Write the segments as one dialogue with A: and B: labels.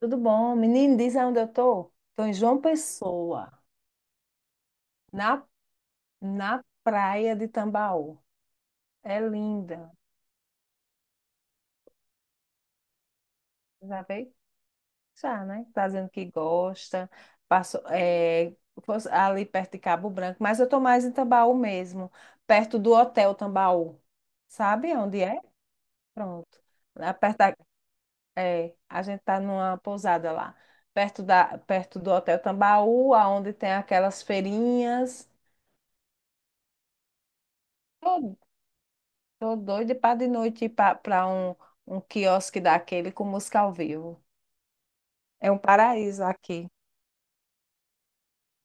A: Tudo bom? Menino, diz onde eu tô? Tô em João Pessoa, na, na praia de Tambaú. É linda. Já veio? Já, né? Tá dizendo que gosta. Passou, é, fosse ali perto de Cabo Branco, mas eu tô mais em Tambaú mesmo, perto do Hotel Tambaú. Sabe onde é? Pronto. Lá perto da, é, a gente tá numa pousada lá, perto do Hotel Tambaú, aonde tem aquelas feirinhas. Tô doida para de noite ir para um quiosque daquele com música ao vivo. É um paraíso aqui.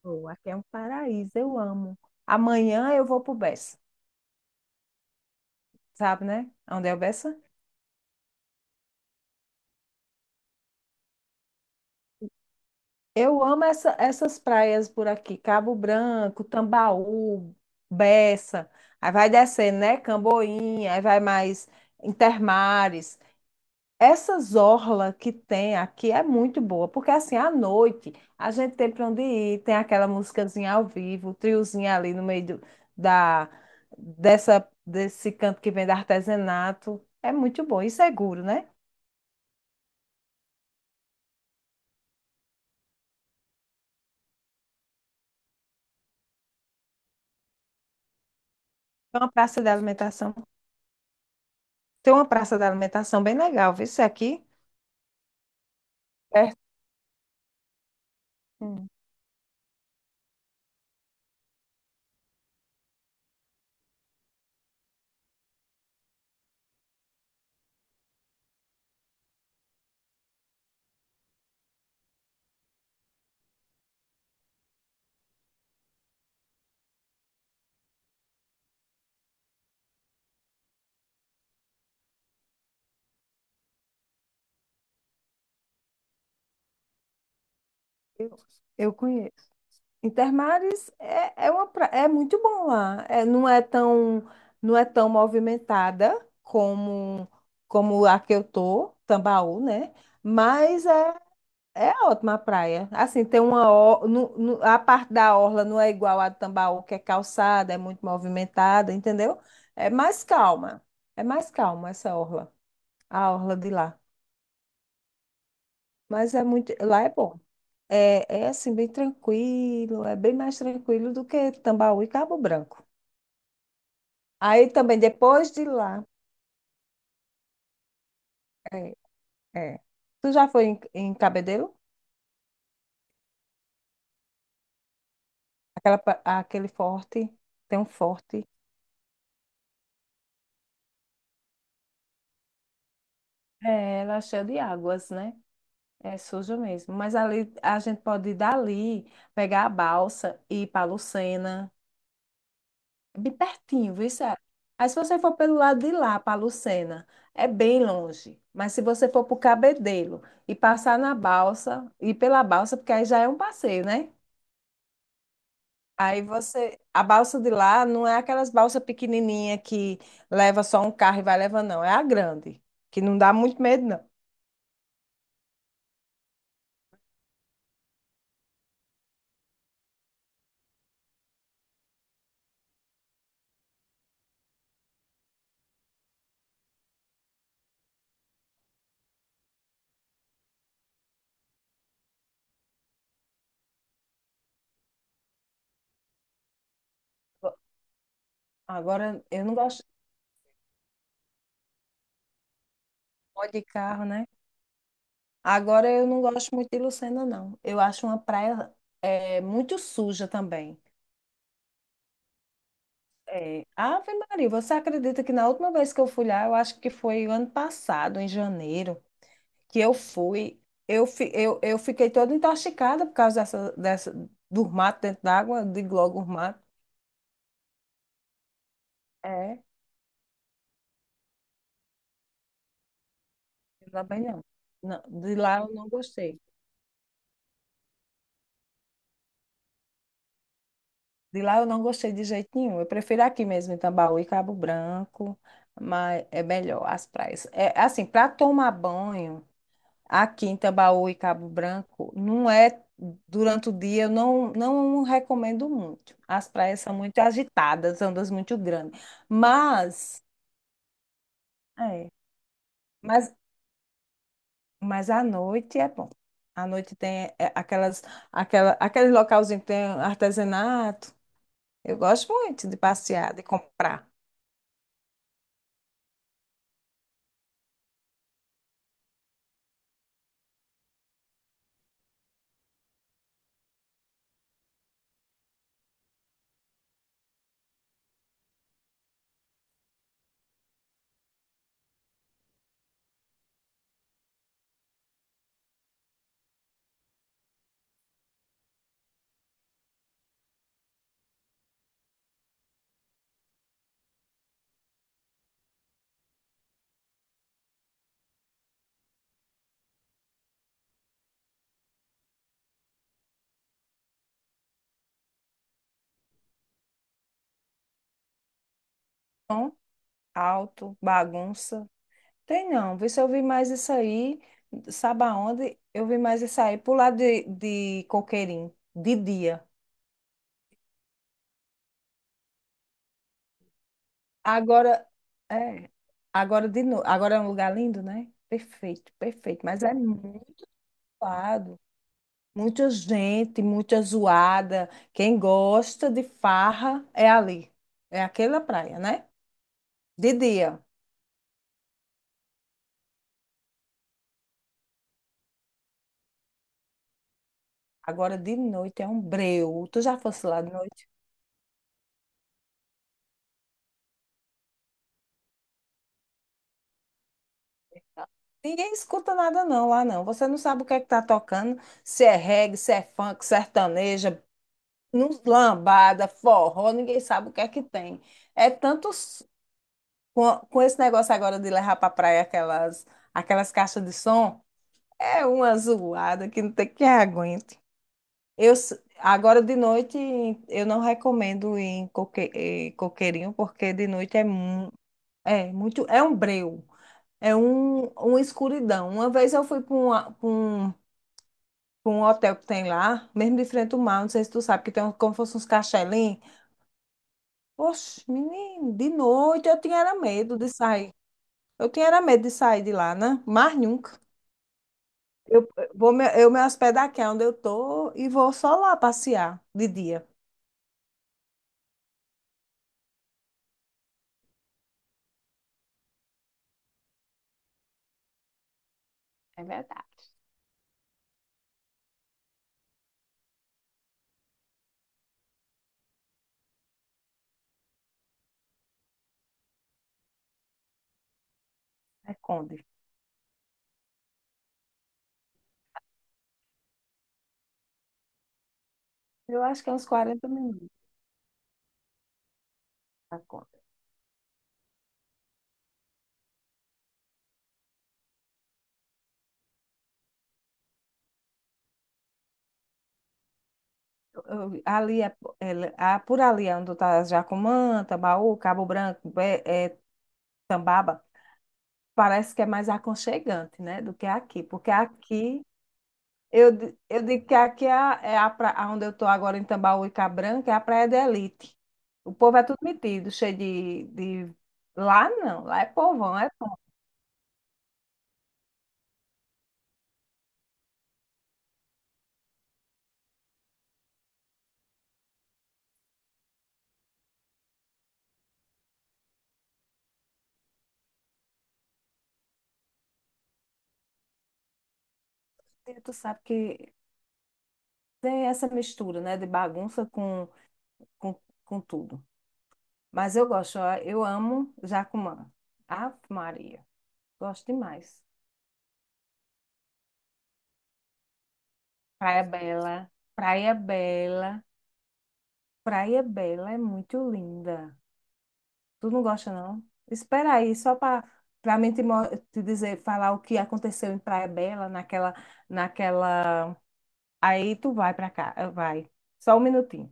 A: Pô, aqui é um paraíso, eu amo. Amanhã eu vou pro Bessa, sabe, né? Onde é o Bessa? Eu amo essas praias por aqui, Cabo Branco, Tambaú, Bessa. Aí vai descendo, né? Camboinha, aí vai mais Intermares. Essas orla que tem aqui é muito boa, porque assim, à noite a gente tem para onde ir, tem aquela musicazinha ao vivo, o triozinho ali no meio da, desse canto que vem do artesanato. É muito bom e seguro, né? Tem uma praça de alimentação. Tem uma praça de alimentação bem legal, viu? Isso aqui, perto, hum, eu conheço. Intermares é é muito bom lá. Não é tão movimentada como, como a que eu tô, Tambaú, né? Mas é, é ótima a praia. Assim, tem uma. A parte da orla não é igual a de Tambaú, que é calçada, é muito movimentada, entendeu? É mais calma. É mais calma essa orla de lá. Mas é muito. Lá é bom. É, é assim, bem tranquilo, é bem mais tranquilo do que Tambaú e Cabo Branco. Aí também, depois de lá, é, é. Tu já foi em, em Cabedelo? Aquela, aquele forte, tem um forte. É, ela é cheia de águas, né? É suja mesmo. Mas ali a gente pode ir dali, pegar a balsa e ir para Lucena. Bem pertinho, viu? Sara? Aí se você for pelo lado de lá, para Lucena, é bem longe. Mas se você for para o Cabedelo e passar na balsa, e pela balsa, porque aí já é um passeio, né? Aí você, a balsa de lá não é aquelas balsas pequenininha que leva só um carro e vai levando, não. É a grande, que não dá muito medo, não. Agora, eu não gosto muito de carro, né? Agora, eu não gosto muito de Lucena, não. Eu acho uma praia é, muito suja também. Ave Maria, você acredita que na última vez que eu fui lá, eu acho que foi o ano passado, em janeiro, que eu fui, eu fiquei toda intoxicada por causa do mato dentro d'água, de logo mato. É, de lá bem não. Não, de lá eu não gostei. De lá eu não gostei de jeito nenhum. Eu prefiro aqui mesmo, em Tambaú e Cabo Branco, mas é melhor as praias. É assim, para tomar banho. Aqui em Tambaú e Cabo Branco, não é durante o dia, eu não, não recomendo muito. As praias são muito agitadas, ondas muito grandes. Mas, é, mas, mas à noite é bom. À noite tem é, aquele localzinho que tem artesanato. Eu gosto muito de passear, de comprar. Som alto, bagunça. Tem não, vê se eu vi mais isso aí, sabe aonde? Eu vi mais isso aí, pro lado de Coqueirinho, de dia. Agora, é, agora de novo, agora é um lugar lindo, né? Perfeito, perfeito, mas é muito lado, muita gente, muita zoada, quem gosta de farra é ali, é aquela praia, né? De dia, agora de noite é um breu, tu já fosse lá de noite? Ninguém escuta nada não lá não. Você não sabe o que é que tá tocando, se é reggae, se é funk, sertaneja, lambada, forró, ninguém sabe o que é que tem. É tanto s- com esse negócio agora de levar para praia aquelas caixas de som, é uma zoada que não tem quem aguente. Agora de noite eu não recomendo ir em coqueirinho porque de noite é muito é um breu. É um, uma escuridão. Uma vez eu fui para pra um hotel que tem lá, mesmo de frente ao mar, não sei se tu sabe, que tem como fosse uns cachelinhos. Oxe, menino, de noite eu tinha era medo de sair. Eu tinha era medo de sair de lá, né? Mas nunca. Eu me hospedar aqui é onde eu tô e vou só lá passear de dia. É Conde. Eu acho que é uns 40 minutos. Tá, Conde. Eu- ali é, ah, por ali é onde tá Jacumã, Tambaú, Cabo Branco, é, é Tambaba. Parece que é mais aconchegante, né, do que aqui, porque aqui eu digo que aqui é é a a onde eu estou agora em Tambaú Tambaúca Branca, é a praia de elite. O povo é tudo metido, cheio de... Lá não, lá é povão, é povo. E tu sabe que tem essa mistura, né, de bagunça com, com tudo. Mas eu gosto, ó, eu amo Jacumã. Ave Maria, gosto demais. Praia Bela, Praia Bela, Praia Bela é muito linda. Tu não gosta, não? Espera aí, só para mim te dizer, falar o que aconteceu em Praia Bela, naquela, naquela. Aí tu vai para cá, vai. Só um minutinho.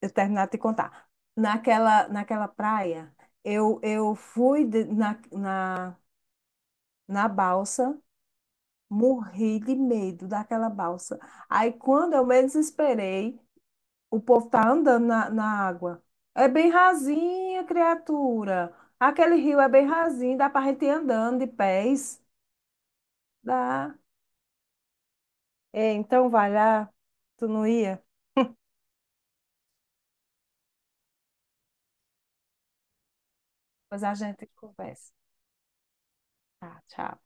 A: Eu terminar de te contar. Naquela praia, eu fui na balsa, morri de medo daquela balsa. Aí quando eu menos esperei, o povo tá andando na água. É bem rasinha, criatura. Aquele rio é bem rasinho, dá pra gente ir andando de pés. Dá. É, então vai lá. Tu não ia? Pois a gente conversa. Tá, tchau.